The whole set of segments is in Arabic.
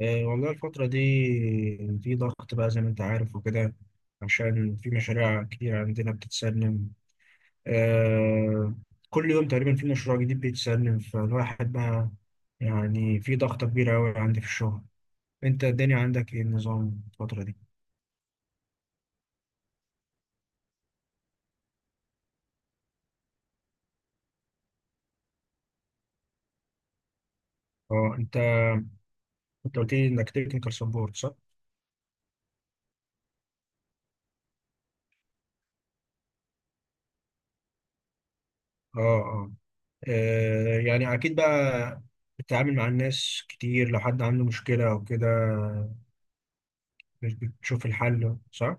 إيه والله الفترة دي في ضغط بقى زي ما أنت عارف وكده، عشان في مشاريع كتير عندنا بتتسلم. آه، كل يوم تقريبا في مشروع جديد بيتسلم، فالواحد بقى يعني في ضغطة كبيرة أوي عندي في الشغل. أنت الدنيا عندك إيه النظام الفترة دي؟ أه أنت أنت قلت لي إنك تكنيكال سبورت، صح؟ أه أه آه، يعني أكيد بقى بتتعامل مع الناس كتير، لو حد عنده مشكلة أو كده بتشوف الحل، صح؟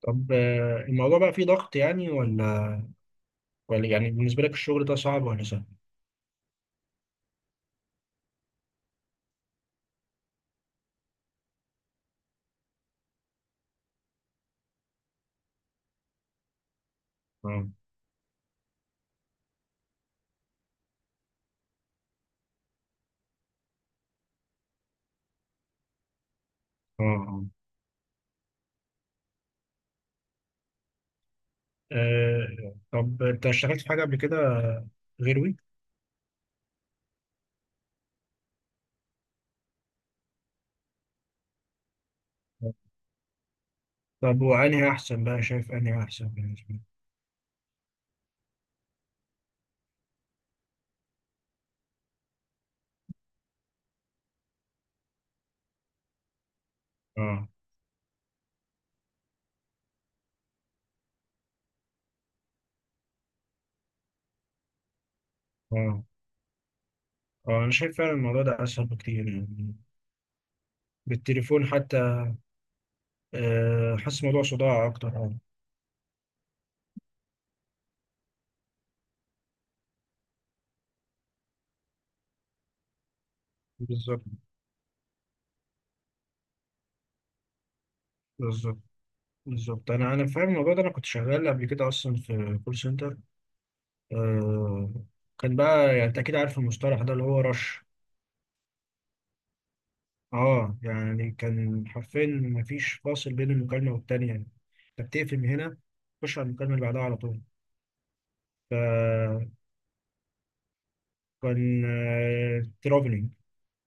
طب الموضوع بقى فيه ضغط يعني ولا يعني بالنسبة لك الشغل ده صعب ولا سهل؟ اه اه اه طب انت اشتغلت في حاجة قبل كده غير وي؟ طب وانهي احسن بقى؟ شايف انهي احسن بالنسبة لك؟ اه اه اه، شايف فعلا الموضوع ده اسهل بكتير يعني، بالتليفون حتى. حاسس موضوع صداع اكتر. اه بالظبط. بالظبط. بالظبط، انا فاهم الموضوع ده، انا كنت شغال قبل كده اصلا في كول سنتر. آه، كان بقى يعني انت اكيد عارف المصطلح ده، اللي هو رش. اه يعني كان حرفيا مفيش فاصل بين المكالمة والتانية يعني، انت بتقفل من هنا تخش على المكالمة اللي بعدها على طول. فكان ترافلينج.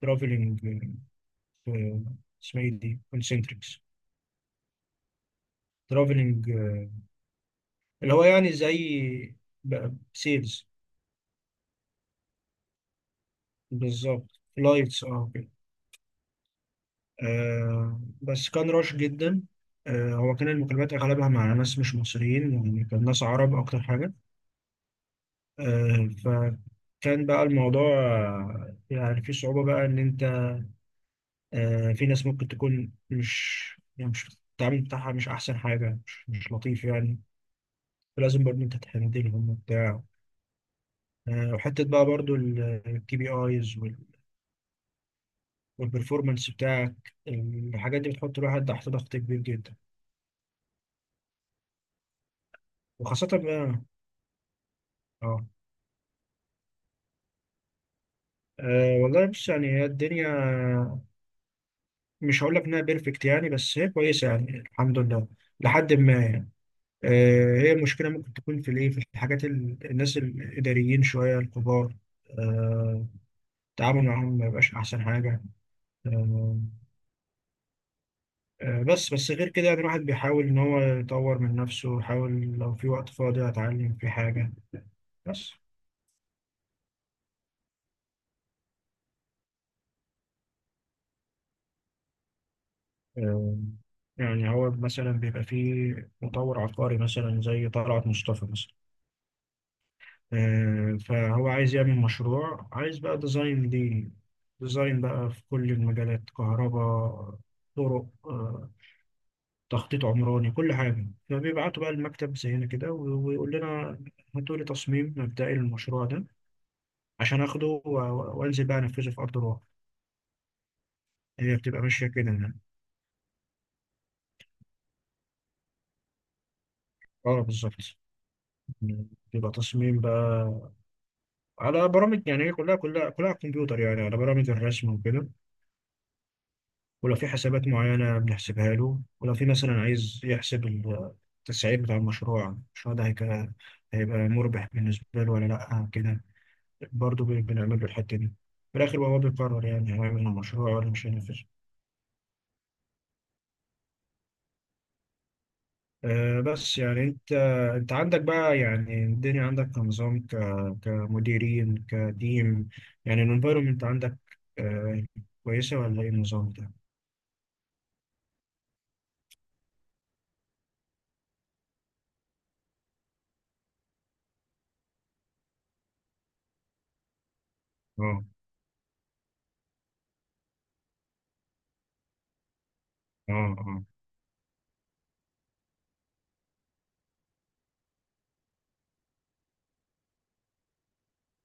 ترافلينج. اسمها ايه دي؟ كونسنتريكس. ترافلينج، اللي هو يعني زي سيلز. بالظبط، لايتس، اه كده. بس كان رش جدا. هو كان المكالمات اغلبها مع ناس مش مصريين يعني، كان ناس عرب اكتر حاجة. فكان بقى الموضوع يعني في صعوبة بقى، إن أنت في ناس ممكن تكون مش يعني، مش التعامل بتاعها مش أحسن حاجة، مش لطيف يعني، فلازم برضه أنت تهندلهم وبتاع. وحتة بقى برضه الكي بي آيز والبرفورمانس بتاعك، الحاجات دي بتحط الواحد تحت ضغط كبير جدا. وخاصة بقى. اه والله بص، يعني هي الدنيا مش هقول لك انها بيرفكت يعني، بس هي كويسه يعني الحمد لله، لحد ما يعني. هي المشكلة ممكن تكون في الإيه، في الحاجات الناس الإداريين شوية الكبار آه، التعامل معاهم ما يبقاش أحسن حاجة. آه، بس غير كده يعني الواحد بيحاول إن هو يطور من نفسه، يحاول لو في وقت فاضي أتعلم في حاجة بس. آه، يعني هو مثلا بيبقى فيه مطور عقاري مثلا زي طلعت مصطفى مثلا، فهو عايز يعمل مشروع، عايز بقى ديزاين ليه. ديزاين بقى في كل المجالات: كهرباء، طرق، تخطيط عمراني، كل حاجة، فبيبعتوا بقى المكتب زينا كده ويقول لنا هاتوا لي تصميم مبدئي للمشروع ده عشان اخده وانزل بقى انفذه في ارض الواقع. هي بتبقى ماشية كده يعني. اه بالظبط، بيبقى تصميم بقى على برامج يعني، هي كلها على الكمبيوتر يعني، على برامج الرسم وكده. ولو في حسابات معينة بنحسبها له، ولو في مثلا عايز يحسب التسعير بتاع المشروع، ده هيبقى مربح بالنسبة له ولا لأ كده، برضه بنعمل له الحتة دي. في الآخر هو بيقرر يعني هيعمل المشروع ولا مش هينفذ. آه، بس يعني أنت عندك بقى يعني الدنيا عندك كنظام كمديرين كتيم يعني، الانفايرمنت عندك آه كويسة ولا إيه النظام ده؟ اه اه اه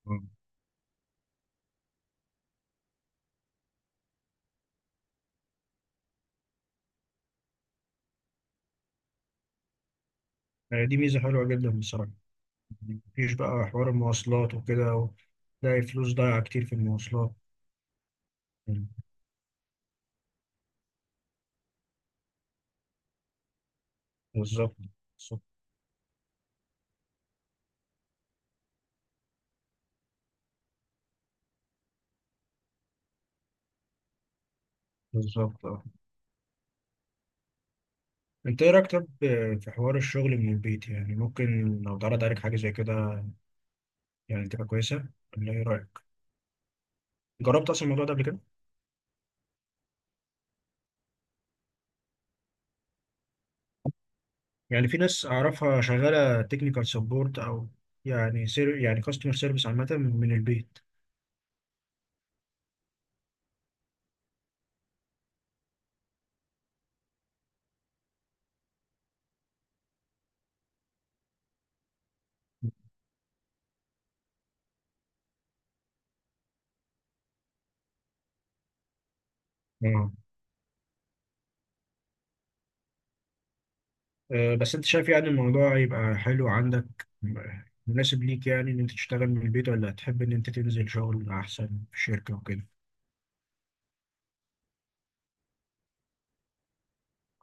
اه دي ميزة حلوة جدا بصراحة. مفيش بقى حوار المواصلات وكده تلاقي فلوس ضايعة كتير في المواصلات. بالظبط. بالظبط. بالظبط، انت ايه رايك طب في حوار الشغل من البيت؟ يعني ممكن لو اتعرض عليك حاجه زي كده يعني تبقى كويسه، ولا ايه رايك؟ جربت اصلا الموضوع ده قبل كده؟ يعني في ناس اعرفها شغاله تكنيكال سبورت او يعني سير يعني كاستمر سيرفيس عامه من البيت. اه بس انت شايف يعني الموضوع يبقى حلو عندك، مناسب ليك يعني ان انت تشتغل من البيت، ولا تحب ان انت تنزل شغل احسن في الشركه وكده؟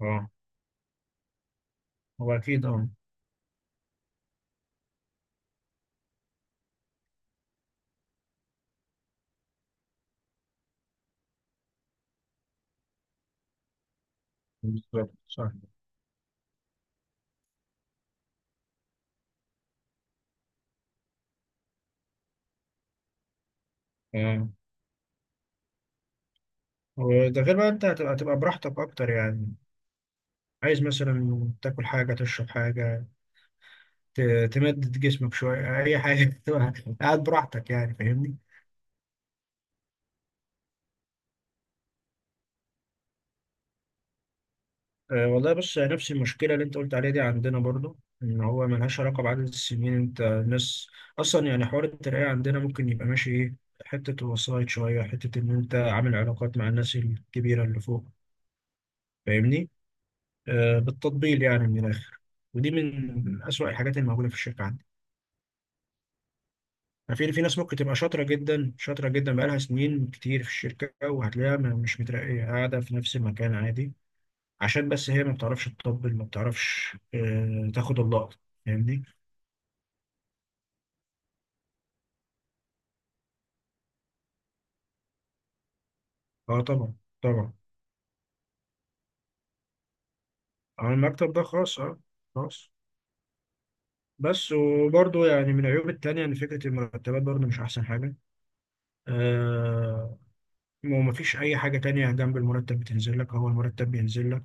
اه، هو اكيد اه، بالظبط صح. اه، وده غير بقى انت هتبقى براحتك اكتر يعني. عايز مثلا تاكل حاجة، تشرب حاجة، تمدد جسمك شوية، أي حاجة تبقى قاعد براحتك يعني، فاهمني؟ أه والله بص، نفس المشكلة اللي أنت قلت عليها دي عندنا برضو، إن هو ملهاش علاقة بعدد السنين. أنت الناس أصلا يعني حوار الترقية عندنا ممكن يبقى ماشي إيه، حتة وسايط شوية، حتة إن أنت عامل علاقات مع الناس الكبيرة اللي فوق، فاهمني؟ أه، بالتطبيل يعني من الآخر، ودي من أسوأ الحاجات الموجودة في الشركة عندنا. في ناس ممكن تبقى شاطرة جدا، شاطرة جدا، بقالها سنين كتير في الشركة، وهتلاقيها مش مترقية، قاعدة في نفس المكان عادي، عشان بس هي ما بتعرفش تطبل، ما بتعرفش تاخد اللقطة، فاهمني؟ اه طبعا، طبعا. على المكتب ده خاص، اه، خاص. بس وبرضه يعني من العيوب التانية إن فكرة المرتبات برضه مش أحسن حاجة. آه، ومفيش أي حاجة تانية جنب المرتب بتنزل لك، هو المرتب بينزل لك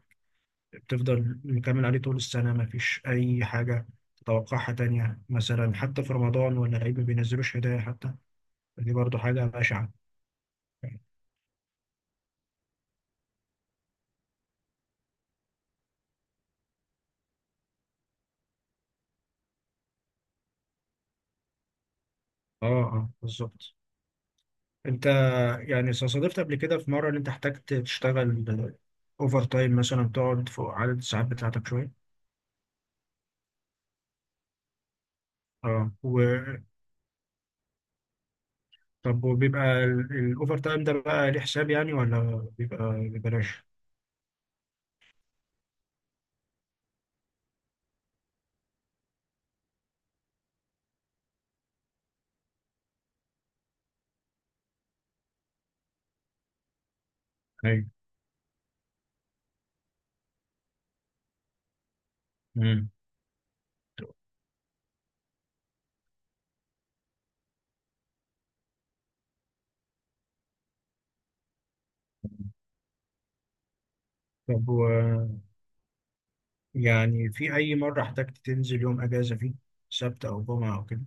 بتفضل مكمل عليه طول السنة، مفيش أي حاجة تتوقعها تانية مثلا، حتى في رمضان ولا العيد ما بينزلوش هدايا حتى، دي برضو حاجة بشعة. اه، اه بالظبط. انت يعني صادفت قبل كده في مرة ان انت احتجت تشتغل اوفر تايم مثلا، تقعد فوق عدد الساعات بتاعتك شوية؟ اه طب وبيبقى الاوفر تايم ده بقى ليه حساب يعني، ولا بيبقى ببلاش؟ ايوه. مم. طب يعني في أي مرة احتجت تنزل يوم أجازة فيه، سبت أو جمعة أو كده؟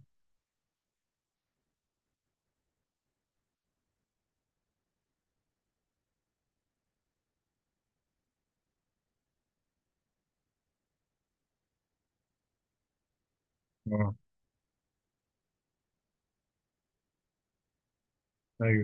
اه، أيوه.